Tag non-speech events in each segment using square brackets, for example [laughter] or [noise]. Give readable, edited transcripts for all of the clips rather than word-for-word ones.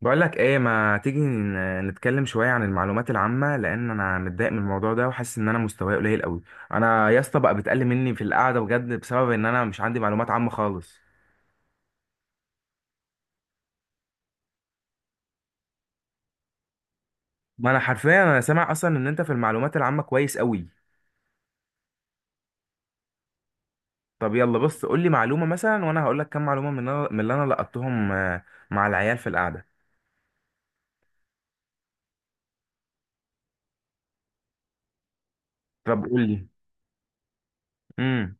بقول لك ايه، ما تيجي نتكلم شويه عن المعلومات العامه، لان انا متضايق من الموضوع ده وحاسس ان انا مستواي قليل قوي. انا يا اسطى بقى بتقل مني في القعده بجد، بسبب ان انا مش عندي معلومات عامه خالص. ما انا حرفيا انا سامع اصلا ان انت في المعلومات العامه كويس قوي. طب يلا، بص قول لي معلومه مثلا وانا هقول لك كام معلومه من من اللي انا لقطتهم، مع العيال في القعده. طب قول لي. امم.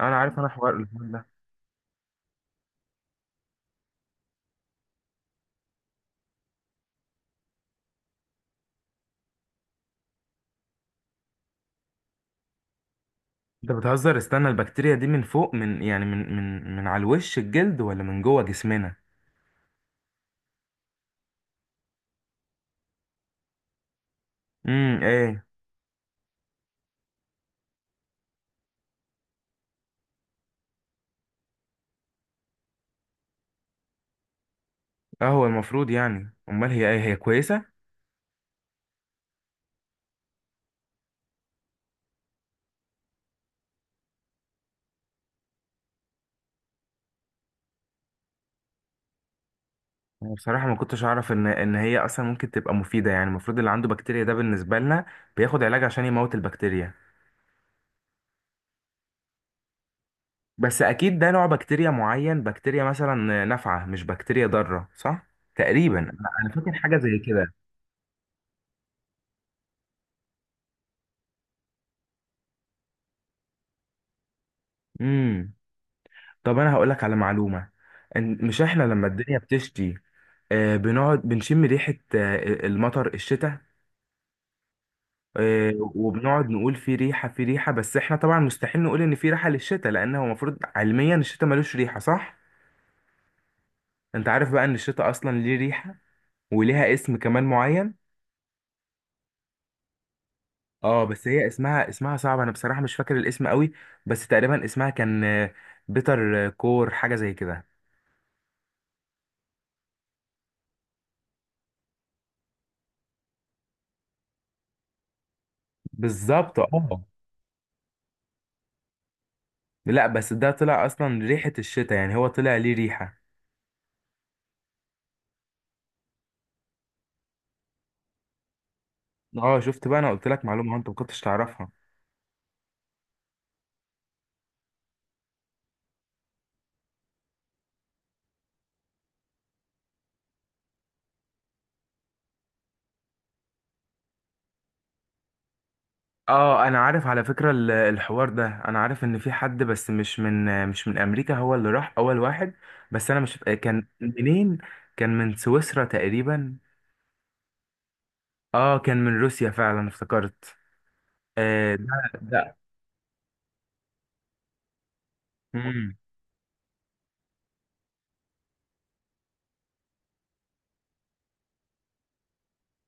انا عارف، انا الحوار ده. انت بتهزر، استنى، البكتيريا دي من فوق، من يعني من على الوش الجلد، ولا من جوه جسمنا؟ امم، ايه؟ اه، هو المفروض يعني، امال هي ايه، هي كويسه؟ انا بصراحه ما كنتش اعرف ان هي اصلا ممكن تبقى مفيده. يعني المفروض اللي عنده بكتيريا ده، بالنسبه لنا، بياخد علاج عشان يموت البكتيريا. بس اكيد ده نوع بكتيريا معين، بكتيريا مثلا نافعه مش بكتيريا ضاره، صح؟ تقريبا انا فاكر حاجه زي كده. امم. طب انا هقول لك على معلومه. مش احنا لما الدنيا بتشتي، بنقعد بنشم ريحه، المطر، الشتاء، وبنقعد نقول في ريحة في ريحة. بس احنا طبعا مستحيل نقول ان في ريحة للشتاء، لان هو المفروض علميا الشتاء ملوش ريحة، صح؟ انت عارف بقى ان الشتاء اصلا ليه ريحة، وليها اسم كمان معين. اه، بس هي اسمها صعب، انا بصراحة مش فاكر الاسم قوي. بس تقريبا اسمها كان بيتر كور، حاجة زي كده. بالظبط اه. لا بس ده طلع اصلا ريحة الشتاء، يعني هو طلع ليه ريحة. اه، شفت بقى؟ انا قلت لك معلومة انت ما كنتش تعرفها. اه، انا عارف على فكرة الحوار ده، انا عارف ان في حد، بس مش من امريكا، هو اللي راح اول واحد. بس انا مش كان منين. كان من سويسرا تقريبا. اه، كان من روسيا فعلا، افتكرت. آه، ده. مم.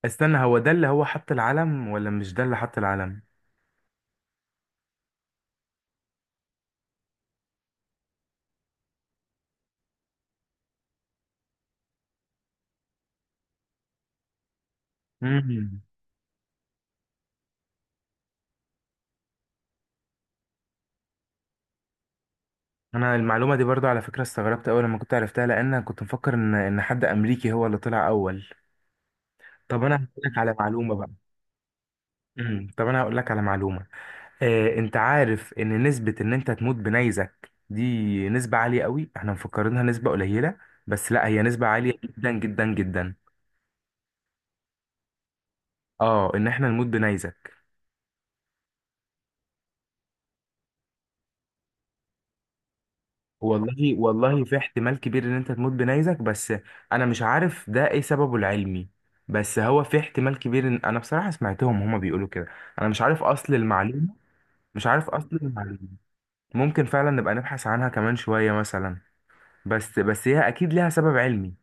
استنى، هو ده اللي هو حط العلم، ولا مش ده اللي حط العلم؟ مم. انا المعلومة دي برضو على فكرة استغربت اول لما كنت عرفتها، لان أنا كنت مفكر ان حد امريكي هو اللي طلع اول. طب انا هقول لك على معلومة بقى. مم. طب انا هقول لك على معلومة. انت عارف ان نسبة ان انت تموت بنيزك دي نسبة عالية قوي؟ احنا مفكرينها نسبة قليلة، بس لا، هي نسبة عالية جدا جدا جدا. اه، ان احنا نموت بنيزك. والله والله، في احتمال كبير ان انت تموت بنيزك. بس انا مش عارف ده ايه سببه العلمي. بس هو في احتمال كبير، ان انا بصراحة سمعتهم هما بيقولوا كده. انا مش عارف اصل المعلومة. مش عارف اصل المعلومة. ممكن فعلا نبقى نبحث عنها كمان شوية مثلا. بس هي اكيد ليها سبب علمي.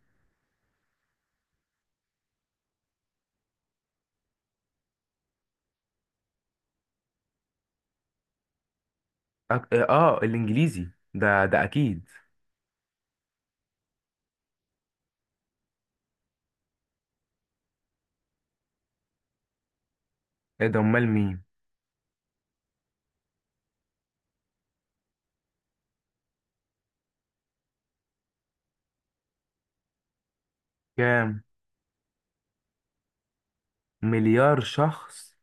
اه، الانجليزي ده اكيد. ايه ده، امال مين؟ كام؟ مليار شخص؟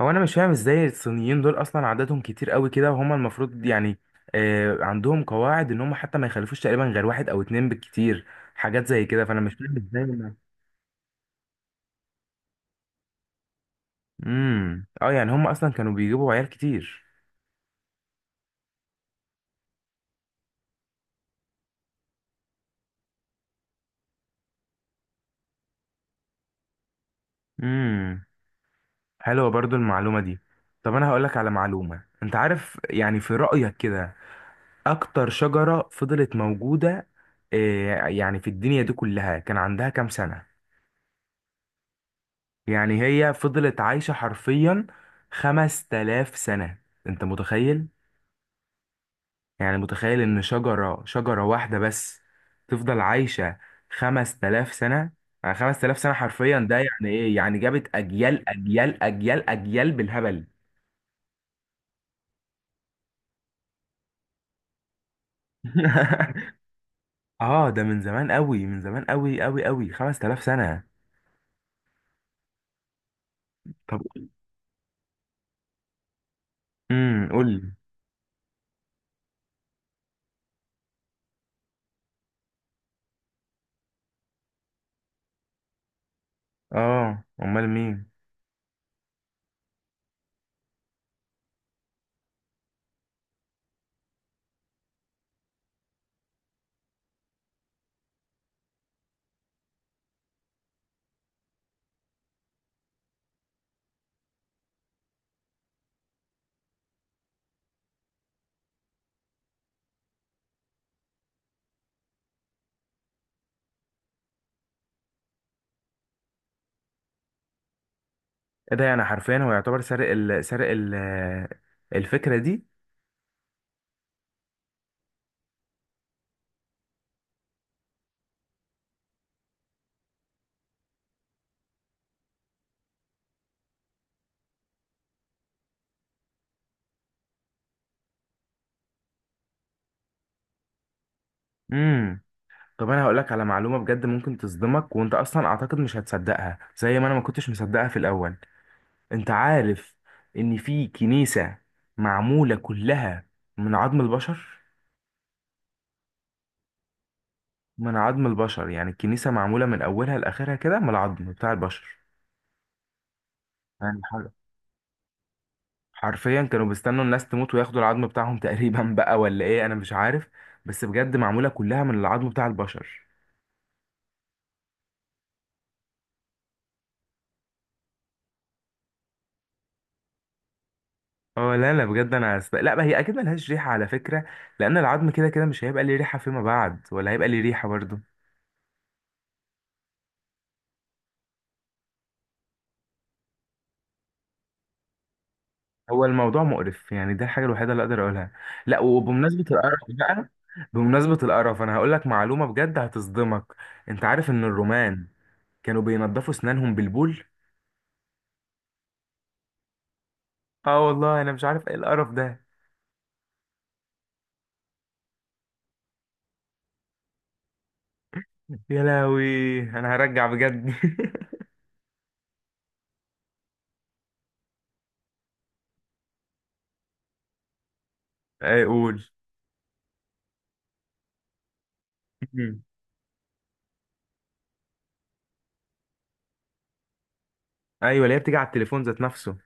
هو انا مش فاهم ازاي الصينيين دول اصلا عددهم كتير قوي كده، وهم المفروض يعني عندهم قواعد ان هم حتى ما يخلفوش تقريبا غير واحد او اتنين بالكتير. حاجات زي كده، فانا مش فاهم ازاي. امم، اه، يعني هم اصلا كانوا بيجيبوا عيال كتير. امم. حلوه برضو المعلومه دي. طب انا هقولك على معلومه، انت عارف يعني في رايك كده، اكتر شجرة فضلت موجودة، يعني في الدنيا دي كلها، كان عندها كام سنة؟ يعني هي فضلت عايشة حرفيا 5000 سنة. انت متخيل؟ يعني متخيل ان شجرة شجرة واحدة بس تفضل عايشة 5000 سنة. يعني 5000 سنة حرفيا. ده يعني ايه؟ يعني جابت اجيال اجيال اجيال اجيال بالهبل. [laughs] اه، ده من زمان قوي، من زمان قوي قوي قوي، 5000 سنة. طب. قول لي. اه، امال مين؟ ايه ده، يعني حرفيا هو يعتبر سرق الفكره دي؟ امم. طب انا هقول لك على معلومه بجد ممكن تصدمك، وانت اصلا اعتقد مش هتصدقها زي ما انا ما كنتش مصدقها في الاول. انت عارف ان في كنيسه معموله كلها من عظم البشر؟ من عظم البشر. يعني الكنيسه معموله من اولها لاخرها كده من العظم بتاع البشر. يعني حاجة، حرفيا كانوا بيستنوا الناس تموت وياخدوا العظم بتاعهم [laughs] تقريبا بقى، ولا ايه، انا مش عارف. بس بجد معموله كلها من العظم بتاع البشر. اه لا لا بجد، لا، ما هي اكيد ملهاش ريحه على فكره، لان العظم كده كده مش هيبقى ليه ريحه فيما بعد، ولا هيبقى ليه ريحه برضه. هو الموضوع مقرف، يعني ده الحاجه الوحيده اللي اقدر اقولها. لا، وبمناسبه القرف بقى، بمناسبه القرف انا هقول لك معلومه بجد هتصدمك. انت عارف ان الرومان كانوا بينضفوا اسنانهم بالبول؟ اه والله، انا مش عارف ايه القرف ده. يا لهوي، انا هرجع بجد. [laughs] اي قول. مم. ايوه، اللي هي بتيجي على التليفون ذات نفسه.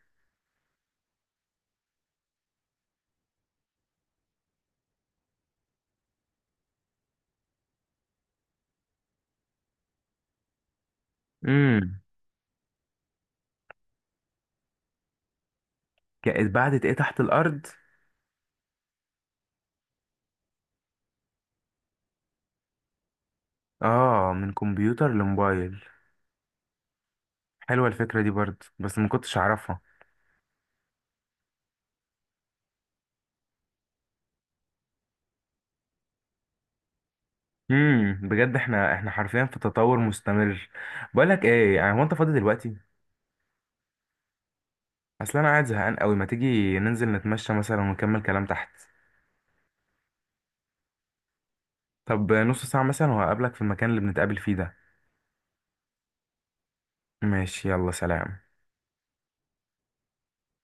امم. بعدت ايه تحت الارض؟ اه، من كمبيوتر لموبايل. حلوه الفكره دي برضه، بس ما كنتش اعرفها. امم، بجد احنا حرفيا في تطور مستمر. بقول لك ايه، يعني هو انت فاضي دلوقتي؟ اصل انا قاعد زهقان قوي، ما تيجي ننزل نتمشى مثلا ونكمل كلام تحت. طب نص ساعه مثلا، وهقابلك في المكان اللي بنتقابل فيه ده. ماشي، يلا سلام.